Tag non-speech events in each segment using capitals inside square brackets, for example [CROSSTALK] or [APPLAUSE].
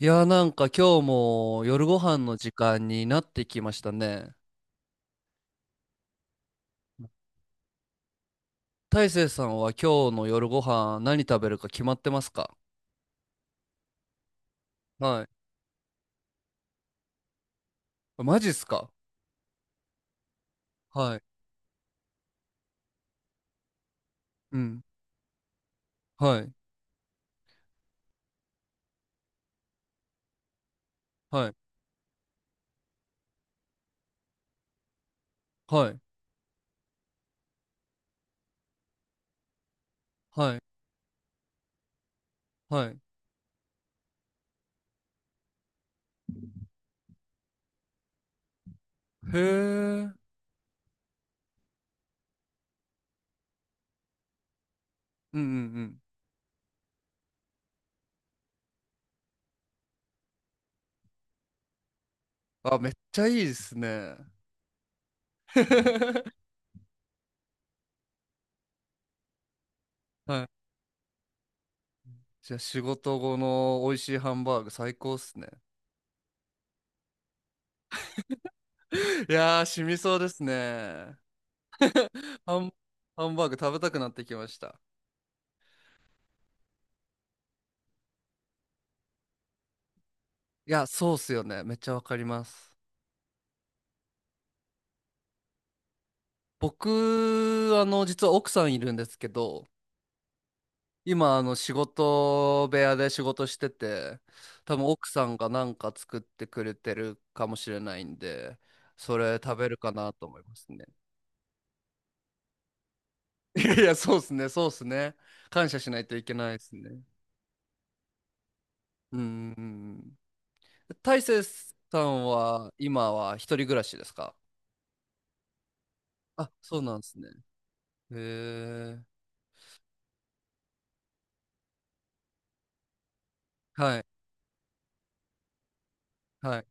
いやー、なんか今日も夜ご飯の時間になってきましたね。大成さんは今日の夜ご飯何食べるか決まってますか？はい。マジっすか？はい。うん。はい。はい。はい。はい。はい。へえ。うんうんうん。あ、めっちゃいいですね。[LAUGHS] はい。じゃあ仕事後の美味しいハンバーグ最高っすね。[LAUGHS] いやー、染みそうですね。ハン、ハンバーグ食べたくなってきました。いや、そうっすよね。めっちゃわかります。僕、実は奥さんいるんですけど、今、仕事部屋で仕事してて、多分奥さんがなんか作ってくれてるかもしれないんで、それ食べるかなと思いますね。[LAUGHS] いやいや、そうですね、そうですね。感謝しないといけないですね。うん。大成さんは、今は一人暮らしですか？あ、そうなんですね。へえ。はい、はい。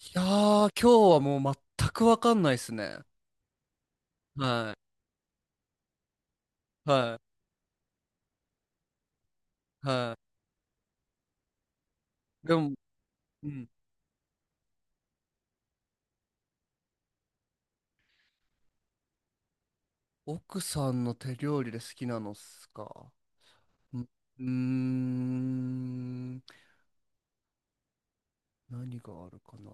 いやー、今日はもう全くわかんないですね。はい。はいはい。でも、うん。奥さんの手料理で好きなのっすか。うん、うーん何があるかな。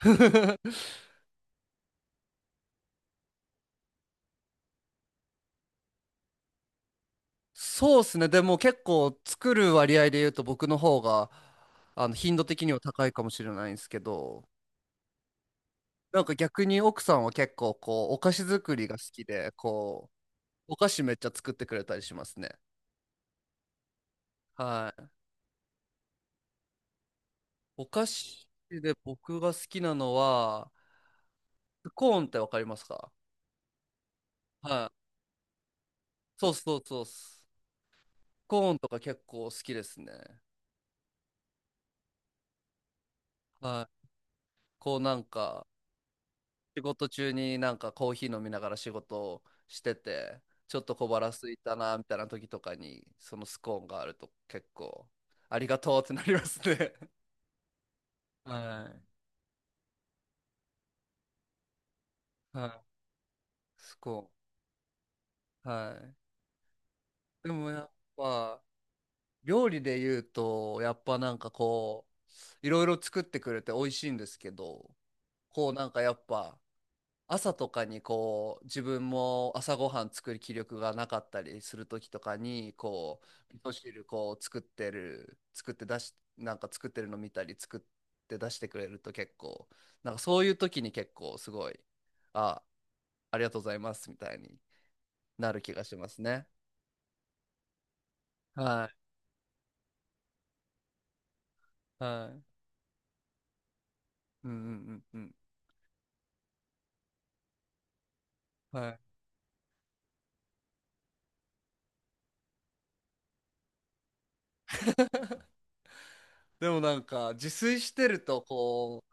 [LAUGHS] そうっすね。でも結構作る割合で言うと僕の方があの頻度的には高いかもしれないんですけど、なんか逆に奥さんは結構こうお菓子作りが好きで、こうお菓子めっちゃ作ってくれたりしますね。はい。お菓子で僕が好きなのは、スコーンってわかりますか？はい。そうそうそうっす。コーンとか結構好きですね。はい。こうなんか、仕事中になんかコーヒー飲みながら仕事をしてて、ちょっと小腹空いたな、みたいな時とかに、そのスコーンがあると結構、ありがとうってなりますね。[LAUGHS] はい。はい。スコーン。はい。でもやっぱ、料理で言うと、やっぱなんかこう、いろいろ作ってくれて美味しいんですけど、こうなんかやっぱ、朝とかにこう自分も朝ごはん作る気力がなかったりする時とかにこう味噌汁こう作ってる作って出しなんか作ってるの見たり作って出してくれると結構なんかそういう時に結構すごいあありがとうございますみたいになる気がしますね。はいはい。うんうんうんうん。はい。でもなんか自炊してるとこ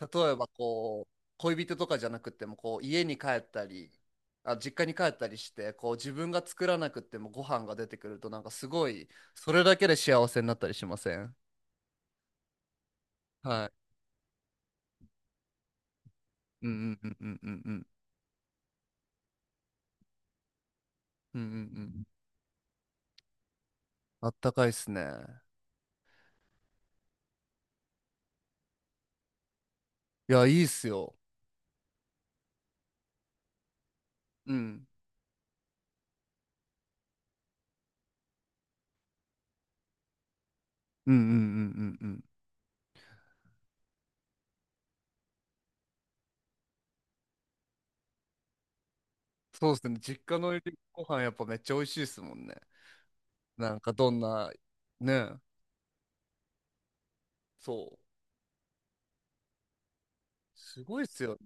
う例えばこう恋人とかじゃなくてもこう家に帰ったり、あ実家に帰ったりしてこう自分が作らなくてもご飯が出てくるとなんかすごいそれだけで幸せになったりしません？はい。うんうんうんうんうんうんうんうんうん。あったかいっすね。いや、いいっすよ。うんうんうんうんうんうん。そうっすね、実家のご飯やっぱめっちゃ美味しいっすもんね。なんかどんな、ね。そう、すごいっすよ。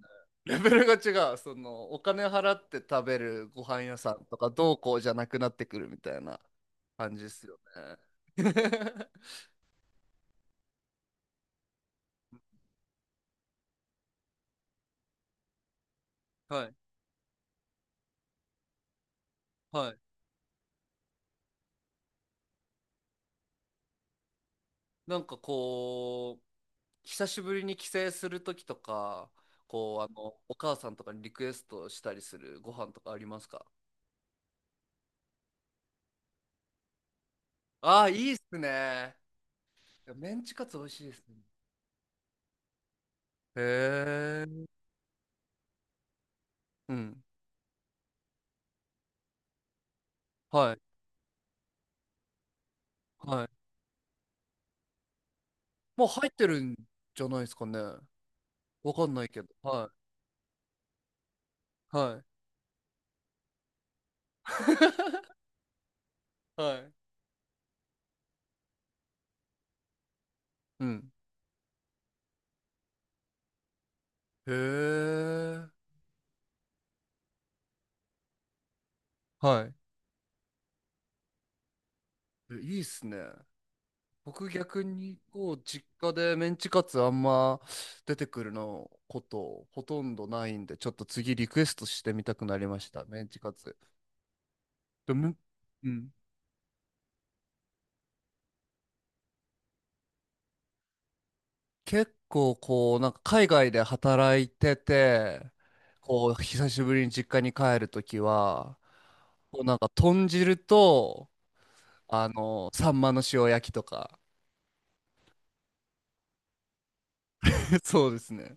レベルが違う。その、お金払って食べるご飯屋さんとか、どうこうじゃなくなってくるみたいな感じですよね。[LAUGHS] はい、はい。なんかこう、久しぶりに帰省するときとか、こう、あの、お母さんとかにリクエストしたりするご飯とかありますか？ああー、いいっすね。いやメンチカツ美味しいですね。へえ。うん。はい、はい。もう入ってるんじゃないですかね。わかんないけど。はい、はい。[LAUGHS] はい。うん。へえ。はい。え、いいっすね。僕逆にこう実家でメンチカツあんま出てくるのことほとんどないんでちょっと次リクエストしてみたくなりましたメンチカツ。でも、うん、結構こうなんか海外で働いててこう久しぶりに実家に帰るときはこうなんか豚汁と、あのサンマの塩焼きとか。 [LAUGHS] そうですね。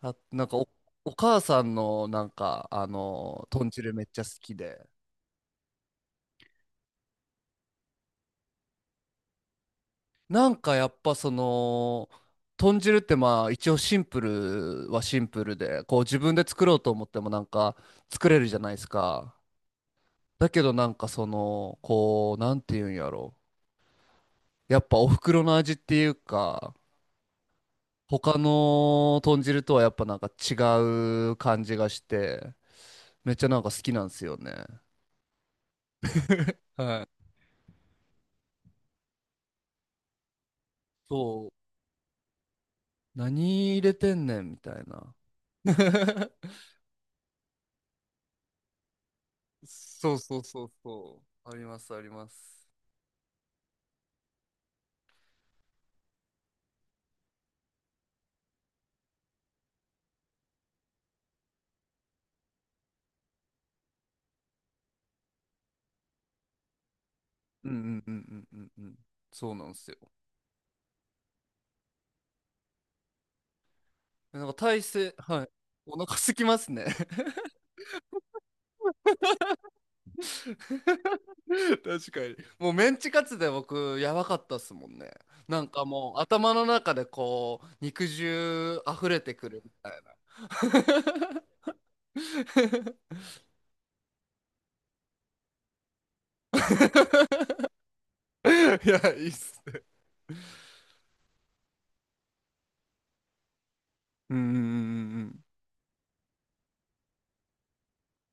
あ、お母さんのなんかあの豚汁めっちゃ好きで、なんかやっぱその豚汁ってまあ一応シンプルはシンプルでこう自分で作ろうと思ってもなんか作れるじゃないですか。だけどなんかそのこうなんていうんやろ、やっぱお袋の味っていうか他の豚汁とはやっぱなんか違う感じがしてめっちゃなんか好きなんですよね。 [LAUGHS] はい。そう、何入れてんねんみたいな。[LAUGHS] そうそうそうそう。ありますあります。うんうんうんうんうんうん。そうなんですよ。なんか体勢、はい。お腹すきますね。[LAUGHS] 確かに。もうメンチカツで僕やばかったっすもんね。なんかもう頭の中でこう肉汁溢れてくるみたいな。[LAUGHS] いや、いいっすね。うんうんうんうんうん。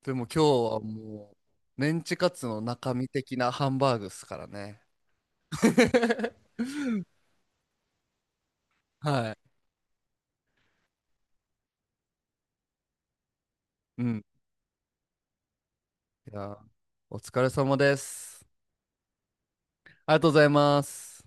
でも今日はもう、メンチカツの中身的なハンバーグっすからね。[LAUGHS] はい。うん。いや、お疲れ様です。ありがとうございます。